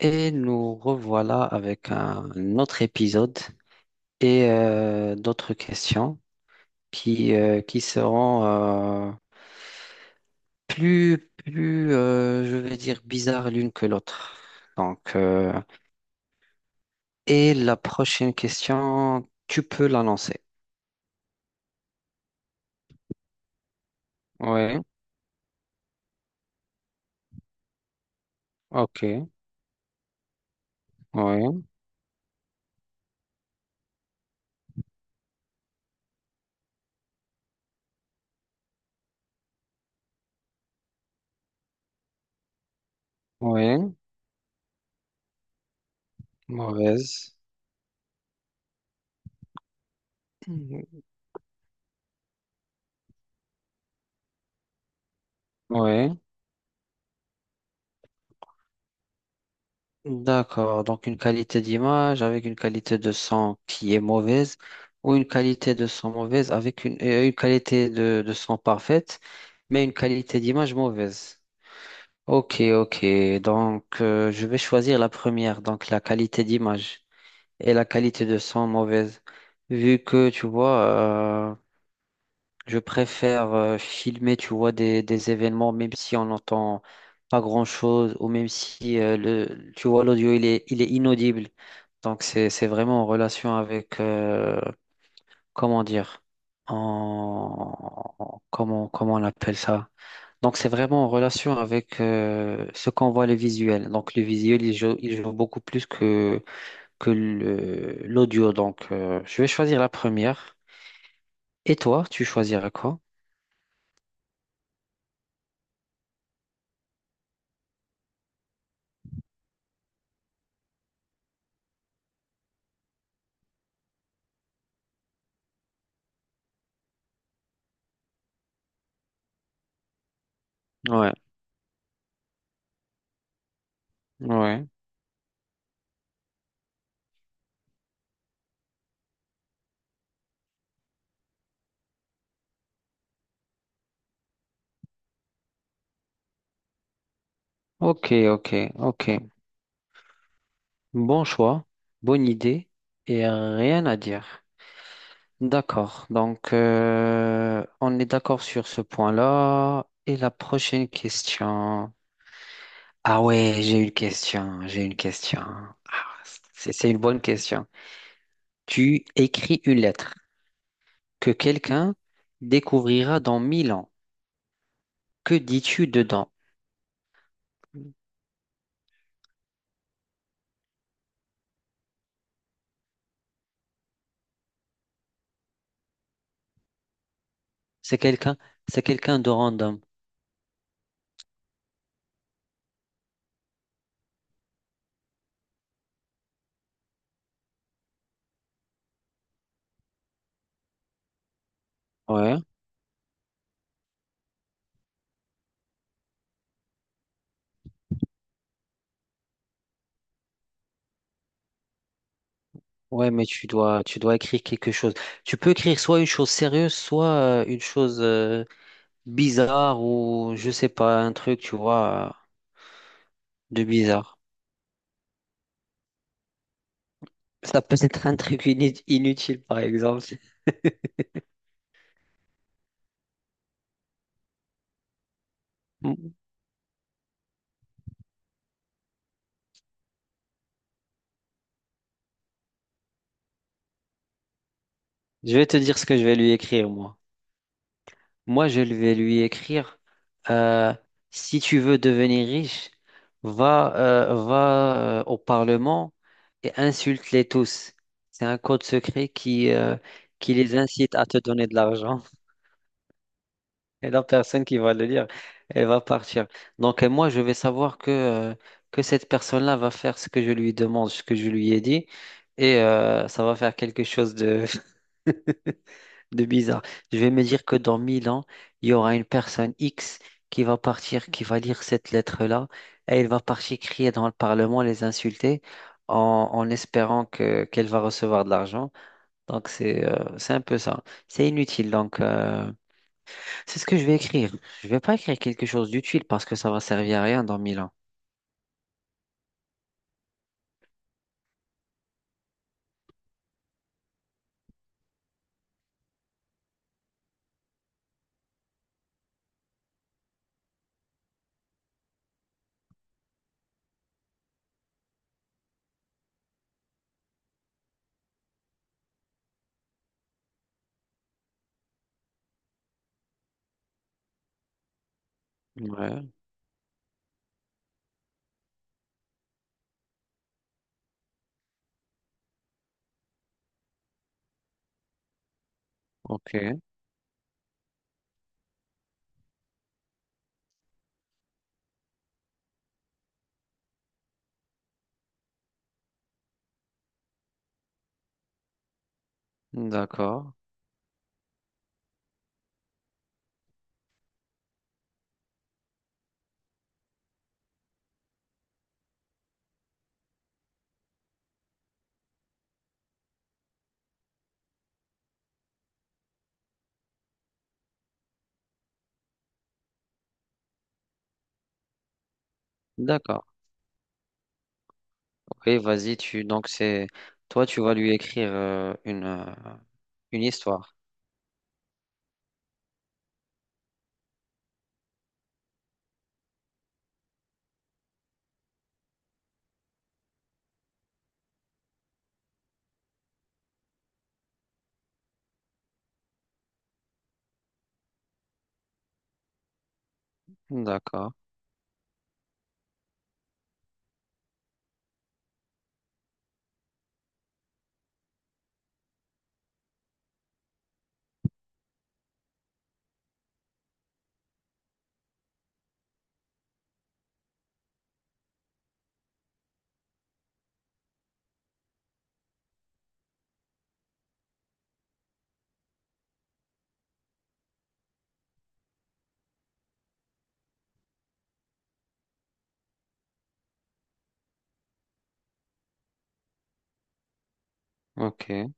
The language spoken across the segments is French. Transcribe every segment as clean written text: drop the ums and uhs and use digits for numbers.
Et nous revoilà avec un autre épisode et d'autres questions qui seront plus, je vais dire, bizarres l'une que l'autre. Donc, euh, et la prochaine question, tu peux la lancer. Oui, ok, oui, oui, mauvaise. Oui. D'accord, donc une qualité d'image avec une qualité de son qui est mauvaise, ou une qualité de son mauvaise avec une qualité de son parfaite, mais une qualité d'image mauvaise. Ok, ok, donc je vais choisir la première, donc la qualité d'image et la qualité de son mauvaise, vu que tu vois, euh, je préfère filmer, tu vois, des événements, même si on n'entend pas grand-chose, ou même si, le, tu vois, l'audio, il est inaudible. Donc, c'est vraiment en relation avec, comment dire, en, comment on appelle ça? Donc, c'est vraiment en relation avec ce qu'on voit, le visuel. Donc, le visuel, il joue beaucoup plus que, l'audio. Donc, je vais choisir la première. Et toi, tu choisiras quoi? Ouais, ouais. Ok, ok, ok. Bon choix, bonne idée et rien à dire. D'accord, donc on est d'accord sur ce point-là. Et la prochaine question. Ah ouais, j'ai une question, j'ai une question. Ah, c'est une bonne question. Tu écris une lettre que quelqu'un découvrira dans mille ans. Que dis-tu dedans? C'est quelqu'un, c'est quelqu'un de random. Ouais. Ouais, mais tu dois écrire quelque chose. Tu peux écrire soit une chose sérieuse, soit une chose bizarre, ou je sais pas, un truc, tu vois, de bizarre. Ça peut être un truc inutile, par exemple. Je vais te dire ce que je vais lui écrire, moi. Moi, je vais lui écrire, euh, si tu veux devenir riche, va, va au Parlement et insulte-les tous. C'est un code secret qui les incite à te donner de l'argent. Et la personne qui va le lire, elle va partir. Donc, moi, je vais savoir que cette personne-là va faire ce que je lui demande, ce que je lui ai dit, et ça va faire quelque chose de, de bizarre. Je vais me dire que dans 1000 ans, il y aura une personne X qui va partir, qui va lire cette lettre-là, et elle va partir crier dans le Parlement, les insulter, en, en espérant que, qu'elle va recevoir de l'argent. Donc, c'est un peu ça. C'est inutile. Donc, c'est ce que je vais écrire. Je vais pas écrire quelque chose d'utile parce que ça va servir à rien dans mille ans. Ouais, ok, d'accord, d'accord. Ok, vas-y, tu donc c'est toi tu vas lui écrire une histoire. D'accord, ok,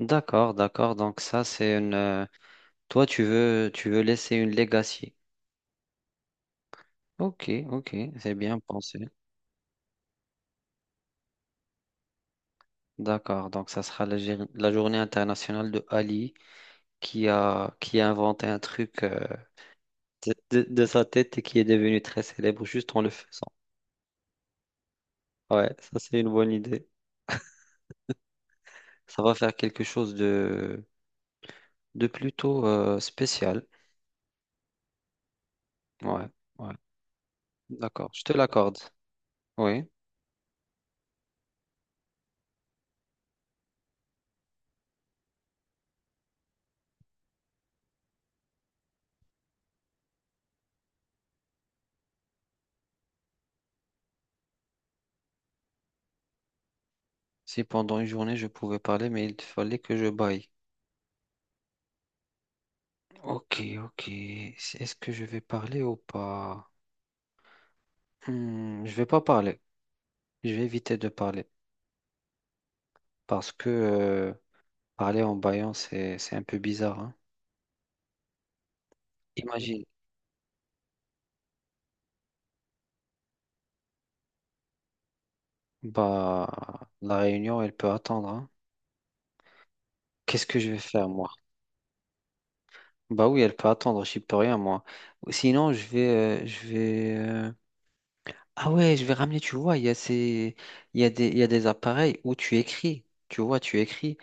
d'accord, d'accord. Donc ça c'est une toi, tu veux laisser une legacy. Ok, ok, c'est bien pensé. D'accord, donc ça sera la, la journée internationale de Ali qui a inventé un truc de sa tête et qui est devenu très célèbre juste en le faisant. Ouais, ça c'est une bonne idée. Ça va faire quelque chose de plutôt spécial. Ouais, ouais, d'accord, je te l'accorde. Oui, si pendant une journée je pouvais parler, mais il fallait que je baille. Ok, ok, est-ce que je vais parler ou pas? Hmm, je vais pas parler. Je vais éviter de parler parce que parler en baillant, c'est un peu bizarre, hein. Imagine, bah la réunion, elle peut attendre, hein. Qu'est-ce que je vais faire moi? Bah oui, elle peut attendre, j'y peux rien moi. Sinon, je vais ah ouais, je vais ramener, tu vois, il y a des appareils où tu écris. Tu vois, tu écris.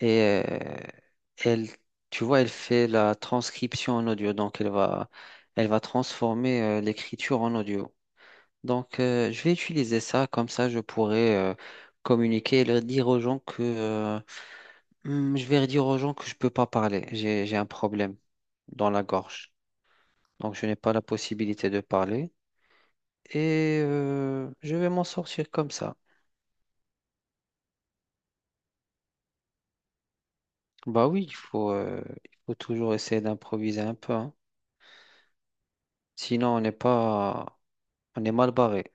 Et elle, tu vois, elle fait la transcription en audio, donc elle va transformer l'écriture en audio. Donc, je vais utiliser ça, comme ça, je pourrai communiquer et leur dire aux gens que hmm, je vais dire aux gens que je peux pas parler, j'ai un problème dans la gorge, donc je n'ai pas la possibilité de parler et je vais m'en sortir comme ça. Bah oui, il faut toujours essayer d'improviser un peu, hein. Sinon, on n'est pas, on est mal barré.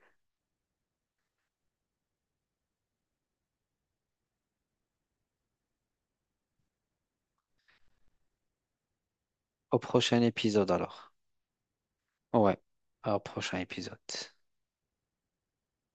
Au prochain épisode alors. Ouais, au prochain épisode.